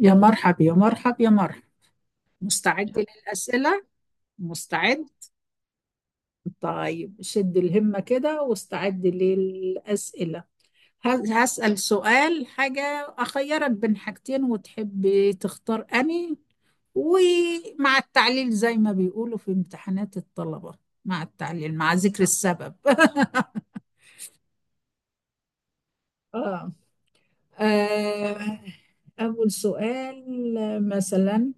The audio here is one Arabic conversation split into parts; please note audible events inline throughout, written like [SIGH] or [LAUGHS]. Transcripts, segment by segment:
يا مرحب يا مرحب يا مرحب، مستعد للأسئلة. مستعد. طيب، شد الهمة كده واستعد للأسئلة. هل هسأل سؤال حاجة؟ أخيرك بين حاجتين وتحب تختار أني، ومع التعليل زي ما بيقولوا في امتحانات الطلبة، مع التعليل مع ذكر السبب. [LAUGHS] آه. آه. أول سؤال، مثلا،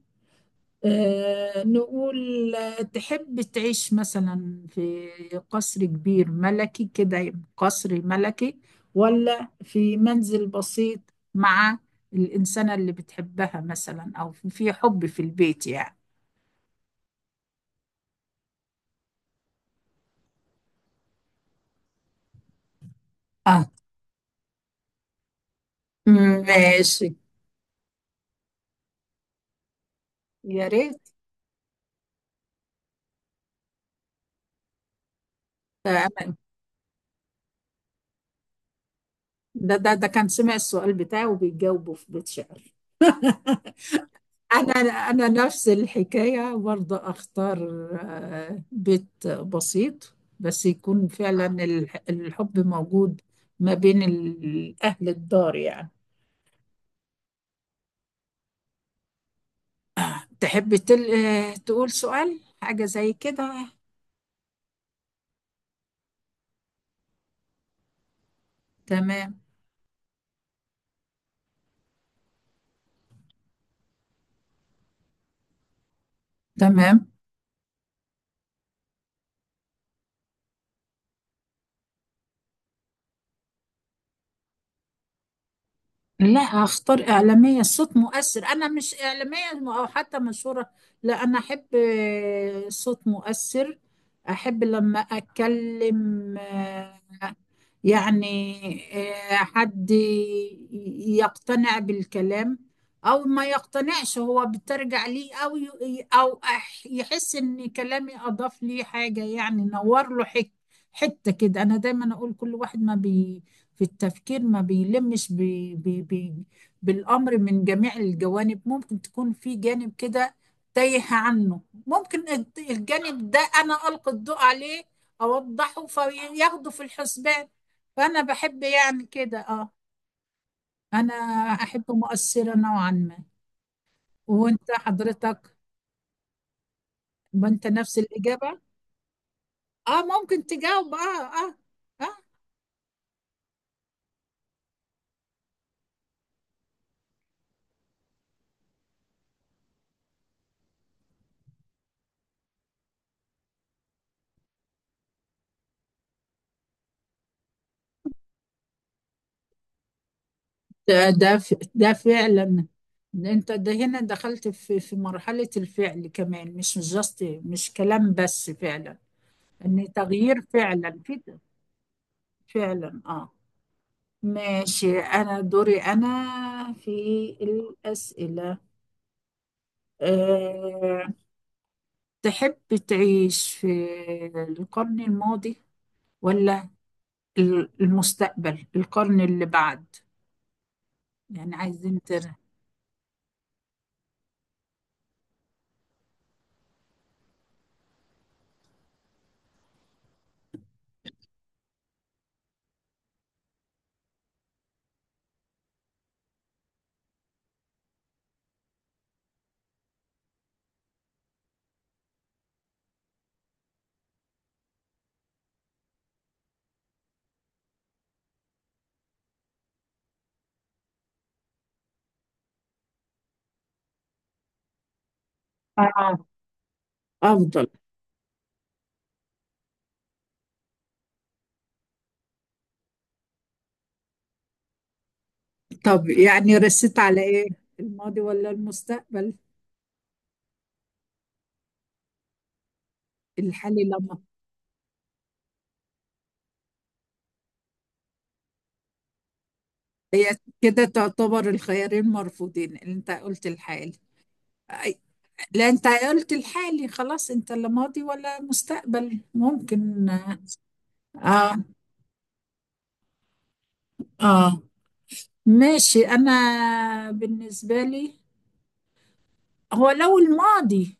نقول تحب تعيش مثلا في قصر كبير ملكي كده، يبقى قصر ملكي، ولا في منزل بسيط مع الإنسانة اللي بتحبها مثلا، أو في حب في البيت يعني. آه. ماشي. يا ريت. آه، أنا ده كان سمع السؤال بتاعه وبيجاوبه في بيت شعر. [LAUGHS] أنا أنا نفس الحكاية برضه أختار بيت بسيط، بس يكون فعلا الحب موجود ما بين أهل الدار يعني. تحب تل... آه، تقول سؤال حاجة زي كده. تمام. تمام. لا، هختار إعلامية صوت مؤثر. أنا مش إعلامية أو حتى مشهورة. لا، أنا أحب صوت مؤثر. أحب لما أتكلم، يعني، حد يقتنع بالكلام، أو ما يقتنعش هو بترجع ليه، أو يحس إن كلامي أضاف ليه حاجة يعني، نور له حتة كده. أنا دايما أقول كل واحد ما بي في التفكير ما بيلمش بي بالأمر من جميع الجوانب. ممكن تكون في جانب كده تايه عنه، ممكن الجانب ده أنا ألقي الضوء عليه، أوضحه فياخده في الحسبان. فأنا بحب يعني كده، أه. أنا أحب مؤثرة نوعا ما. وأنت حضرتك، ما أنت نفس الإجابة. أه، ممكن تجاوب. أه. أه. أه، ده فعلا. انت ده هنا دخلت في مرحلة الفعل كمان، مش جاست مش كلام بس، فعلا. ان تغيير فعلا كده، فعلا. اه. ماشي، انا دوري انا في الأسئلة. أه، تحب تعيش في القرن الماضي ولا المستقبل، القرن اللي بعد، يعني عايزين ترى. اه. افضل. طب يعني رست على ايه، الماضي ولا المستقبل؟ الحالي لما؟ هي كده تعتبر الخيارين مرفوضين، انت قلت الحالي. أي- لا، انت قلت الحالي خلاص، انت لا ماضي ولا مستقبل، ممكن. اه. اه. ماشي. انا بالنسبة لي، هو لو الماضي،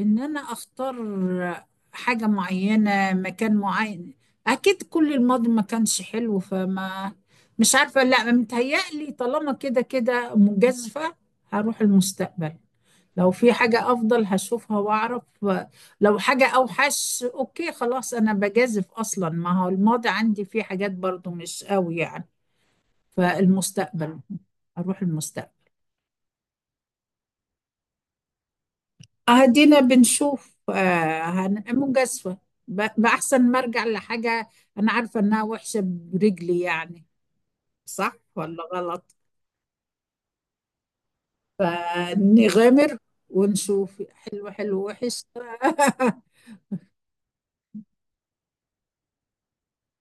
ان انا اختار حاجة معينة، مكان معين، اكيد كل الماضي ما كانش حلو. فما مش عارفة، لا متهيألي طالما كده كده مجازفة، هروح المستقبل. لو في حاجة افضل هشوفها واعرف، لو حاجة اوحش، اوكي خلاص انا بجازف، اصلا ما هو الماضي عندي فيه حاجات برضو مش قوي يعني. فالمستقبل، هروح المستقبل. أهدينا بنشوف، مجازفة بأحسن ما أرجع لحاجة أنا عارفة إنها وحشة برجلي يعني. صح ولا غلط؟ فنغامر، ونشوف حلو، حلو وحش. [LAUGHS]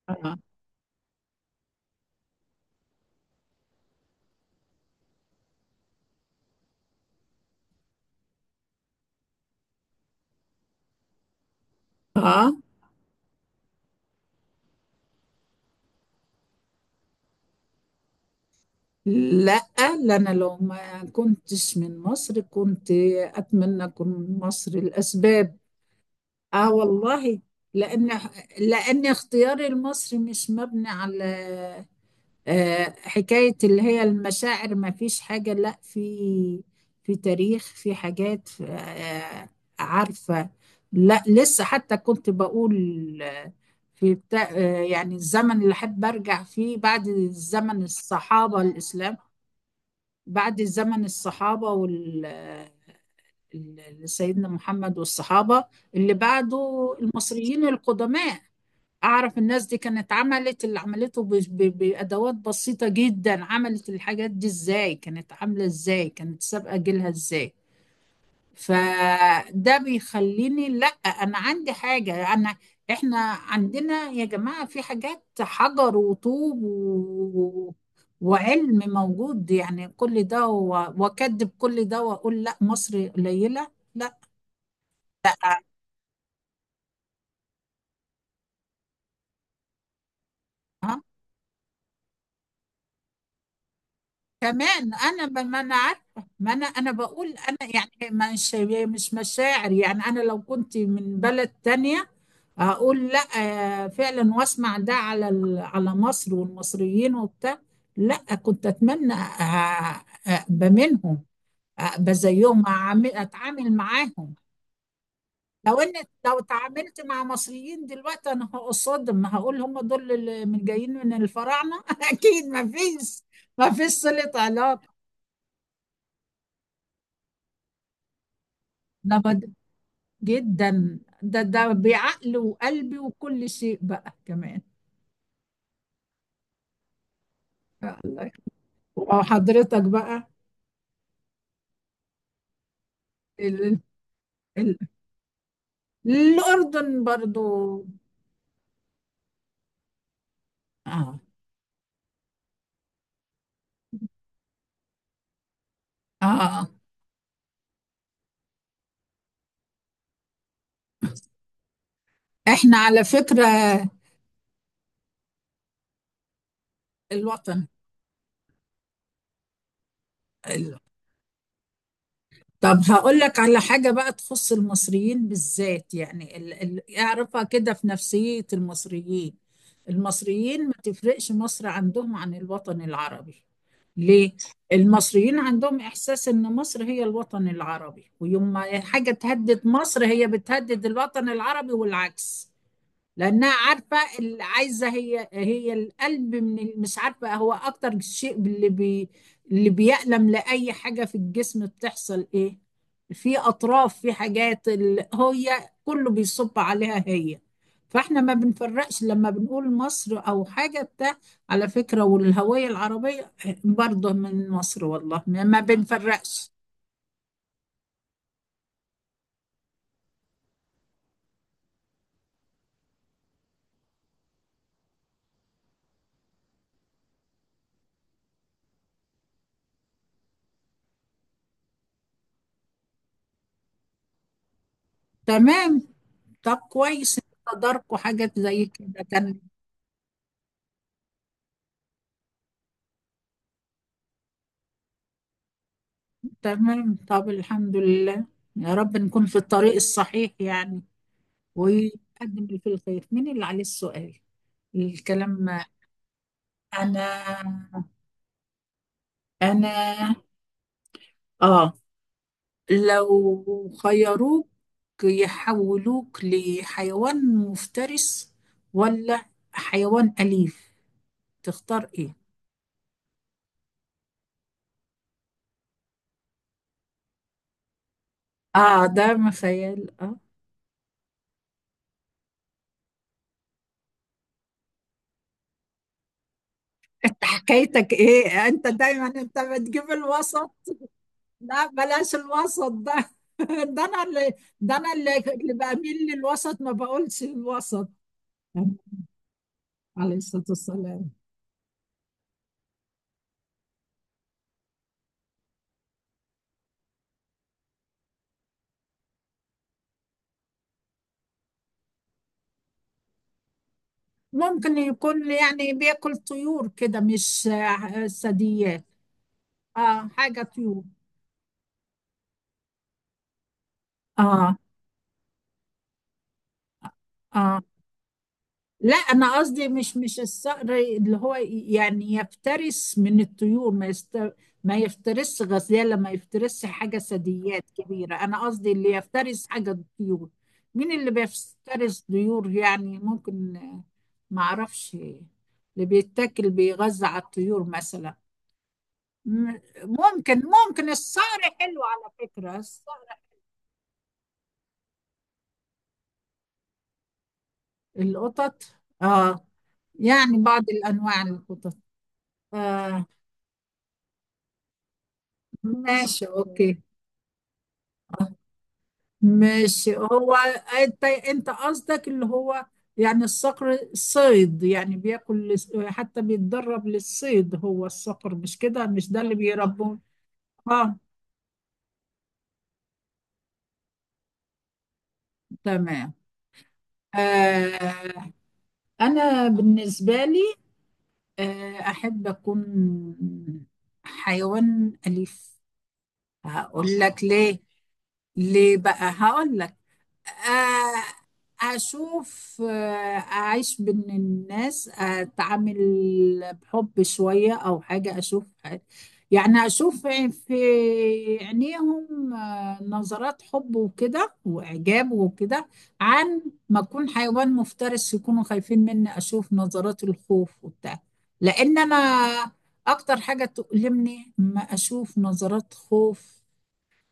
آه. آه. لا، لا، أنا لو ما كنتش من مصر كنت أتمنى أكون من مصر. الأسباب، آه والله. لأن لأن اختياري المصري مش مبني على حكاية اللي هي المشاعر، ما فيش حاجة. لا، في، في تاريخ، في حاجات عارفة. لا، لسه حتى كنت بقول آه، في بتاع يعني الزمن اللي حد برجع فيه، بعد الزمن الصحابة الإسلام، بعد زمن الصحابة سيدنا محمد والصحابة، اللي بعده المصريين القدماء. اعرف الناس دي كانت عملت اللي عملته بادوات بسيطه جدا، عملت الحاجات دي ازاي؟ كانت عامله ازاي؟ كانت سابقه جيلها ازاي؟ فده بيخليني، لا انا عندي حاجه، انا احنا عندنا يا جماعه في حاجات، حجر وطوب و... وعلم موجود يعني، كل ده و... واكدب كل ده واقول لا مصر قليله؟ لا. كمان انا ما انا عارفه. ما انا بقول انا يعني مش مش مشاعر يعني، انا لو كنت من بلد تانية هقول لا، فعلا واسمع ده على على مصر والمصريين وبتاع. لا، كنت اتمنى ابقى منهم، ابقى زيهم اتعامل معاهم. لو ان، لو اتعاملت مع مصريين دلوقتي، انا هقصدهم، هقول هم دول اللي من جايين من الفراعنه. [LAUGHS] اكيد ما فيش صله علاقه. لما جدا، ده بعقل وقلبي وكل شيء بقى كمان. الله يخ- وحضرتك بقى. ال... ال... الأردن برضو. آه. آه. احنا على فكرة الوطن. طب هقول لك على حاجة بقى تخص المصريين بالذات يعني، اعرفها كده في نفسية المصريين. المصريين ما تفرقش مصر عندهم عن الوطن العربي. ليه؟ المصريين عندهم إحساس إن مصر هي الوطن العربي، ويوم ما حاجة تهدد مصر هي بتهدد الوطن العربي والعكس. لانها عارفه اللي عايزه، هي هي القلب من مش عارفه، هو اكتر شيء اللي بي اللي بيألم لاي حاجه في الجسم، بتحصل ايه في اطراف، في حاجات اللي هي كله بيصب عليها هي. فاحنا ما بنفرقش لما بنقول مصر او حاجه بتاع. على فكره، والهويه العربيه برضه من مصر، والله ما بنفرقش. تمام. طب كويس إنكم تداركوا حاجات زي كده، كان تمام. طب الحمد لله، يا رب نكون في الطريق الصحيح يعني. ويقدم اللي فيه الخير. مين اللي عليه السؤال؟ الكلام. أنا أنا آه، لو خيروك يحولوك لحيوان مفترس ولا حيوان أليف، تختار إيه؟ آه، ده ما خيال آه. [LAUGHS] أنت حكايتك إيه؟ أنت دايما أنت بتجيب الوسط. لا بلاش الوسط ده. [LAUGHS] ده انا اللي اللي بميل للوسط، ما بقولش الوسط. عليه الصلاة والسلام. ممكن يكون يعني بياكل طيور كده، مش ثدييات. اه، حاجة طيور. اه. اه. لا، انا قصدي مش الصقر اللي هو يعني يفترس من الطيور، ما يست... ما يفترسش غزاله، ما يفترسش حاجه ثدييات كبيره. انا قصدي اللي يفترس حاجه الطيور. مين اللي بيفترس طيور يعني ممكن؟ ما اعرفش اللي بيتاكل بيغذى على الطيور مثلا. ممكن. ممكن الصقر، حلو على فكره الصقر. القطط. اه. يعني بعض الانواع القطط. آه. ماشي، اوكي. ماشي هو. انت قصدك اللي هو يعني الصقر الصيد يعني بياكل حتى بيتدرب للصيد هو الصقر، مش كده؟ مش ده اللي بيربوه؟ اه. تمام. آه. انا بالنسبة لي، آه، احب اكون حيوان اليف. هقول لك ليه. ليه بقى؟ هقول لك آه، أشوف أعيش بين الناس، أتعامل بحب شوية أو حاجة، أشوف يعني، أشوف في عينيهم نظرات حب وكده وإعجاب وكده. عن ما أكون حيوان مفترس يكونوا خايفين مني، أشوف نظرات الخوف وبتاع. لأن أنا، أكتر حاجة تؤلمني ما أشوف نظرات خوف.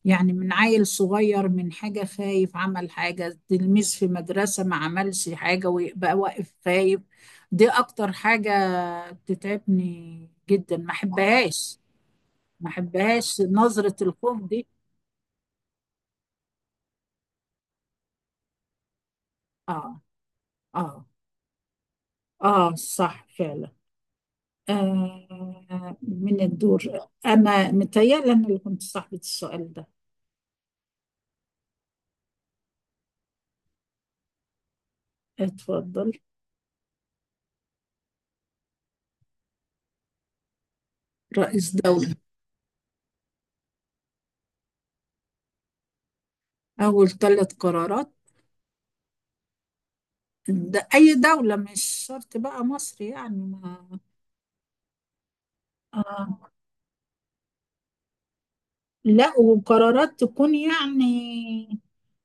يعني من عيل صغير من حاجة خايف عمل حاجة، تلميذ في مدرسة ما عملش حاجة ويبقى واقف خايف. دي أكتر حاجة بتتعبني جدا، ما أحبهاش. ما أحبهاش نظرة الخوف دي. آه. آه. آه، صح، فعلا. آه، من الدور. أنا متهيألي أنا اللي كنت صاحبة السؤال ده. اتفضل. رئيس دولة؟ أول ثلاث قرارات. ده أي دولة مش شرط بقى مصر يعني؟ آه. لا، وقرارات تكون يعني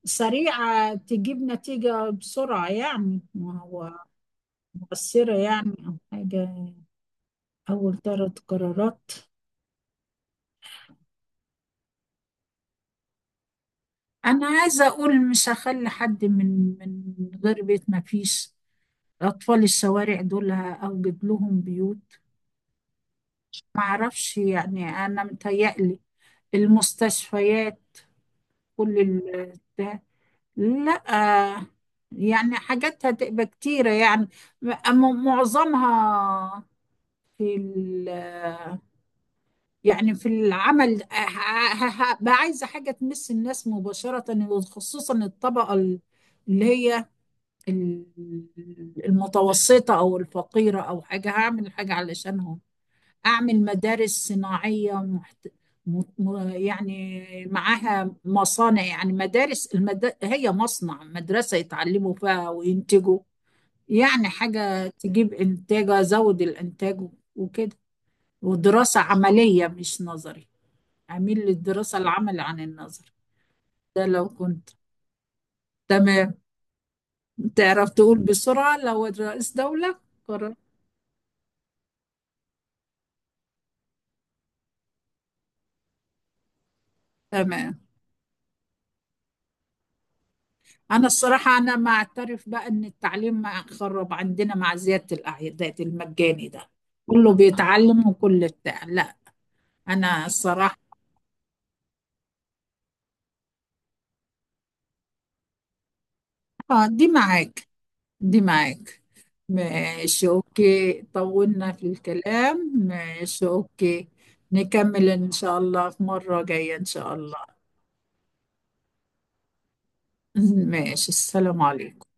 سريعة، تجيب نتيجة بسرعة يعني، ما هو مؤثرة يعني أو حاجة. أول ثلاث قرارات، أنا عايزة أقول مش هخلي حد من غير بيت، ما فيش أطفال الشوارع، دول هأوجد لهم بيوت. معرفش يعني، أنا متهيألي المستشفيات، كل ده. لا، يعني حاجاتها تبقى كتيرة يعني، معظمها في ال، يعني في العمل هبقى عايزة حاجة تمس الناس مباشرة، وخصوصا الطبقة اللي هي ال- المتوسطة أو الفقيرة، أو حاجة هعمل حاجة علشانهم. أعمل مدارس صناعية محت... يعني معاها مصانع، يعني مدارس المد... هي مصنع مدرسة يتعلموا فيها وينتجوا، يعني حاجة تجيب إنتاج، أزود الإنتاج وكده. ودراسة عملية، مش نظري، أميل للدراسة العمل عن النظر. ده لو كنت. تمام. تعرف تقول بسرعة لو رئيس دولة؟ قرر. تمام. أنا الصراحة، أنا ما أعترف بقى إن التعليم ما خرب عندنا مع زيادة الأعداد المجاني ده، كله بيتعلم وكل بتاع، لا. أنا الصراحة دي معاك. دي معاك. ماشي، أوكي، طولنا في الكلام، ماشي أوكي. نكمل إن شاء الله في مرة جاية إن شاء الله. [LAUGHS] ماشي، السلام عليكم.